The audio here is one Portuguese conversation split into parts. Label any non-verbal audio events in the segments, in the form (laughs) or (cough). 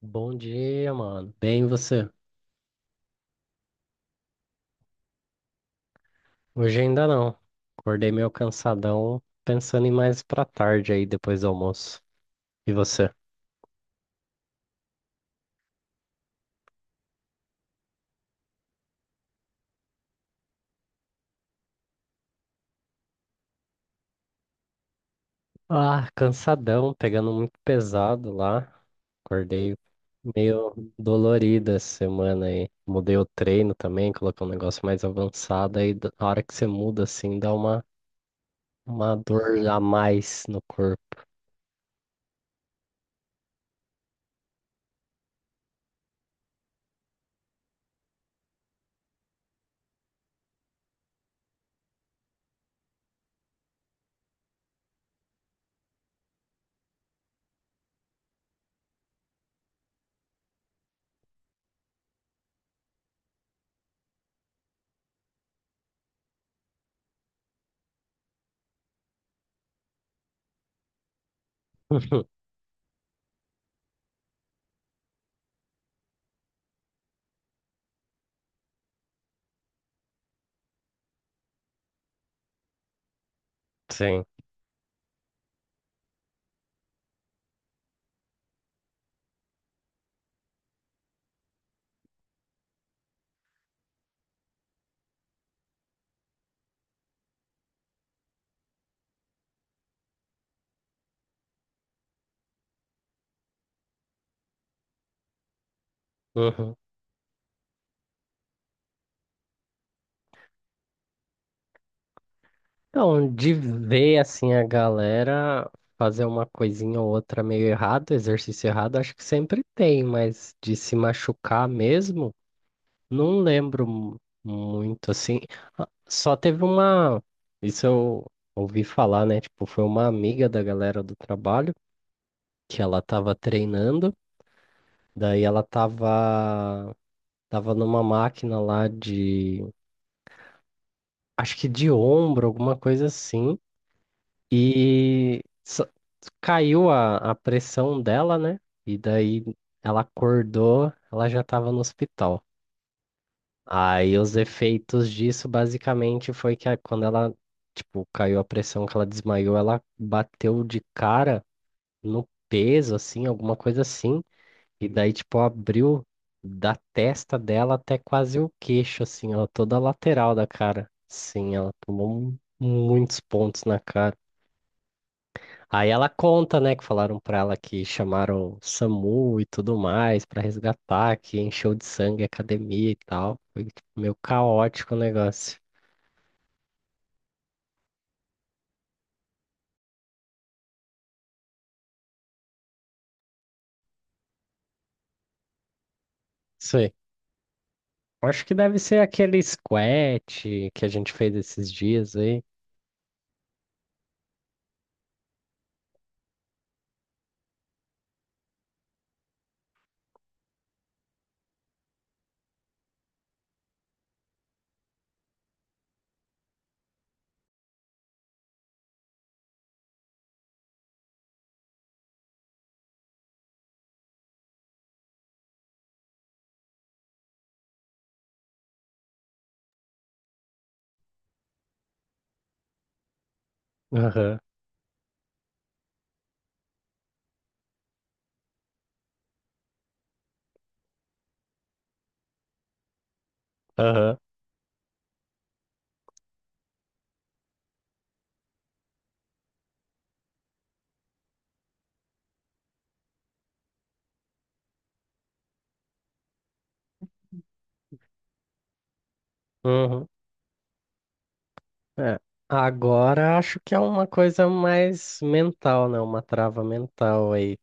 Bom dia, mano. Bem, e você? Hoje ainda não. Acordei meio cansadão, pensando em mais pra tarde aí, depois do almoço. E você? Ah, cansadão, pegando muito pesado lá. Acordei meio dolorido essa semana aí. Mudei o treino também, coloquei um negócio mais avançado. Aí, na hora que você muda assim, dá uma dor a mais no corpo. (laughs) Sim. Uhum. Então, de ver assim a galera fazer uma coisinha ou outra meio errado, exercício errado, acho que sempre tem, mas de se machucar mesmo, não lembro muito assim. Ah, só teve uma, isso eu ouvi falar, né? Tipo, foi uma amiga da galera do trabalho que ela tava treinando, daí ela tava numa máquina lá de, acho que de ombro, alguma coisa assim. E caiu a pressão dela, né? E daí ela acordou, ela já estava no hospital. Aí os efeitos disso basicamente foi que quando ela, tipo, caiu a pressão que ela desmaiou, ela bateu de cara no peso, assim, alguma coisa assim. E daí, tipo, abriu da testa dela até quase o queixo, assim, ó, toda a lateral da cara. Sim, ela tomou muitos pontos na cara. Aí ela conta, né, que falaram pra ela que chamaram o SAMU e tudo mais pra resgatar, que encheu de sangue a academia e tal. Foi tipo, meio caótico o negócio. Sei. Acho que deve ser aquele squat que a gente fez esses dias aí. Aham, aham, uhum. É. Agora acho que é uma coisa mais mental, né? Uma trava mental aí.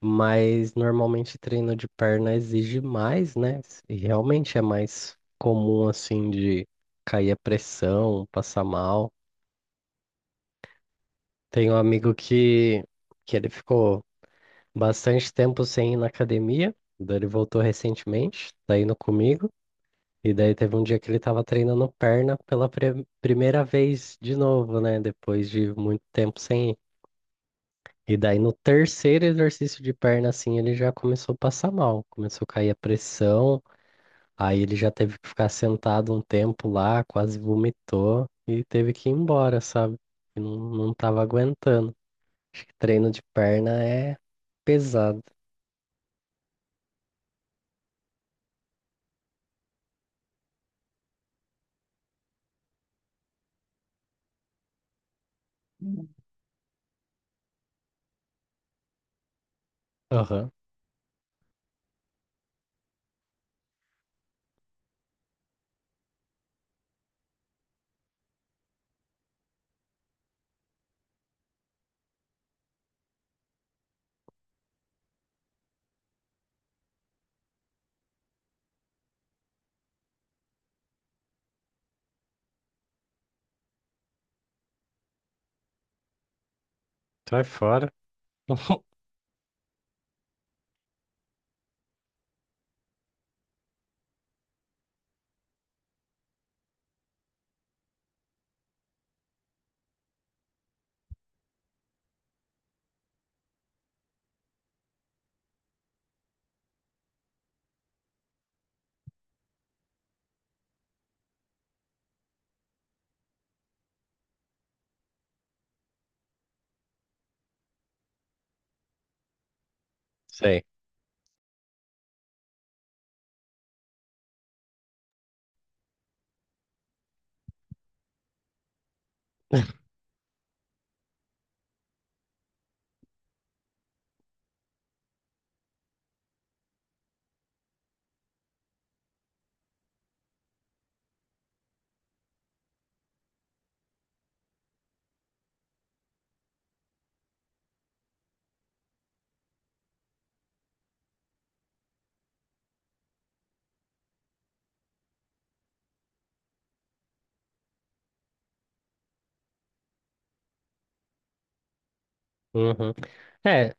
Mas normalmente treino de perna exige mais, né? E realmente é mais comum assim de cair a pressão, passar mal. Tem um amigo que ele ficou bastante tempo sem ir na academia, daí ele voltou recentemente, tá indo comigo. E daí teve um dia que ele tava treinando perna pela primeira vez de novo, né? Depois de muito tempo sem ir. E daí no terceiro exercício de perna, assim, ele já começou a passar mal, começou a cair a pressão. Aí ele já teve que ficar sentado um tempo lá, quase vomitou e teve que ir embora, sabe? E não, não tava aguentando. Acho que treino de perna é pesado. Hum. Aham. Sai fora. (laughs) Sei. Uhum. É,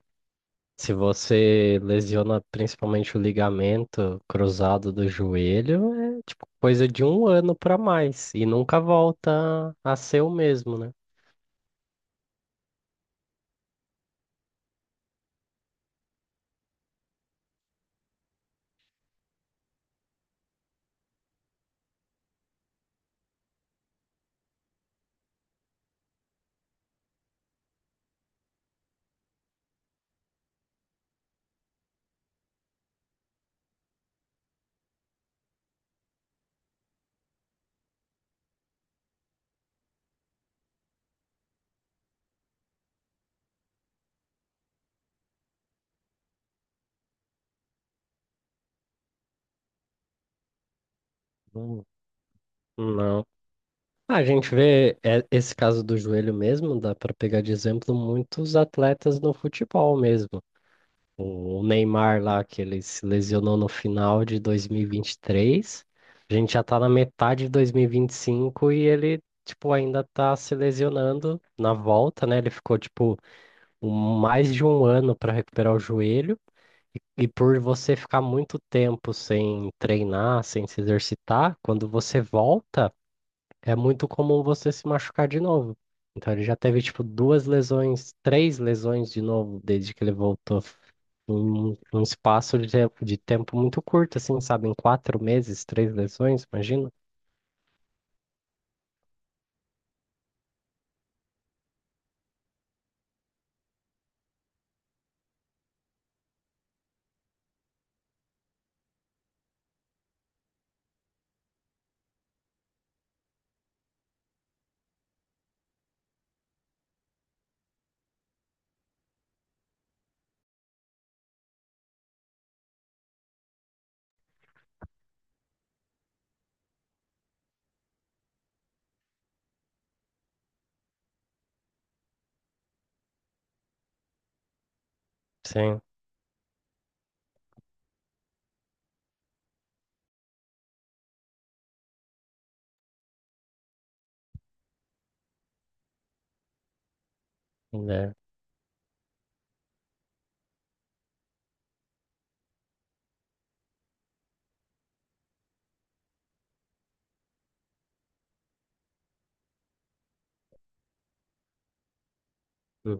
se você lesiona principalmente o ligamento cruzado do joelho, é tipo coisa de um ano pra mais e nunca volta a ser o mesmo, né? Não, a gente vê é, esse caso do joelho mesmo, dá para pegar de exemplo muitos atletas no futebol mesmo. O Neymar lá, que ele se lesionou no final de dois mil e vinte e três, a gente já tá na metade de 2025 e vinte e cinco e ele, tipo, ainda tá se lesionando na volta, né? Ele ficou, tipo, um- mais de um ano para recuperar o joelho. E por você ficar muito tempo sem treinar, sem se exercitar, quando você volta é muito comum você se machucar de novo. Então ele já teve tipo duas lesões, três lesões de novo desde que ele voltou. Em um espaço de tempo muito curto, assim, sabe? Em 4 meses, três lesões, imagina? Sim, né? Hum.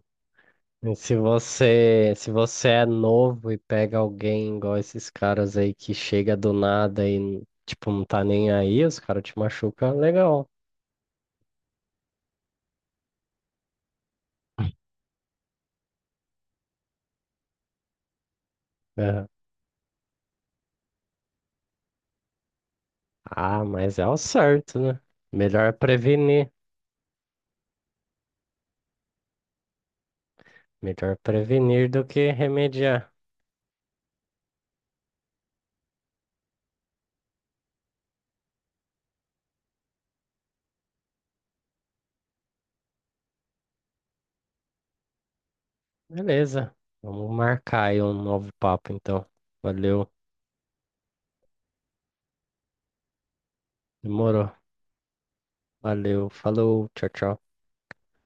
E se você, se você é novo e pega alguém igual esses caras aí que chega do nada e, tipo, não tá nem aí, os caras te machucam, legal. É. Ah, mas é o certo, né? Melhor prevenir. Melhor prevenir do que remediar. Beleza. Vamos marcar aí um novo papo, então. Valeu. Demorou. Valeu. Falou. Tchau, tchau.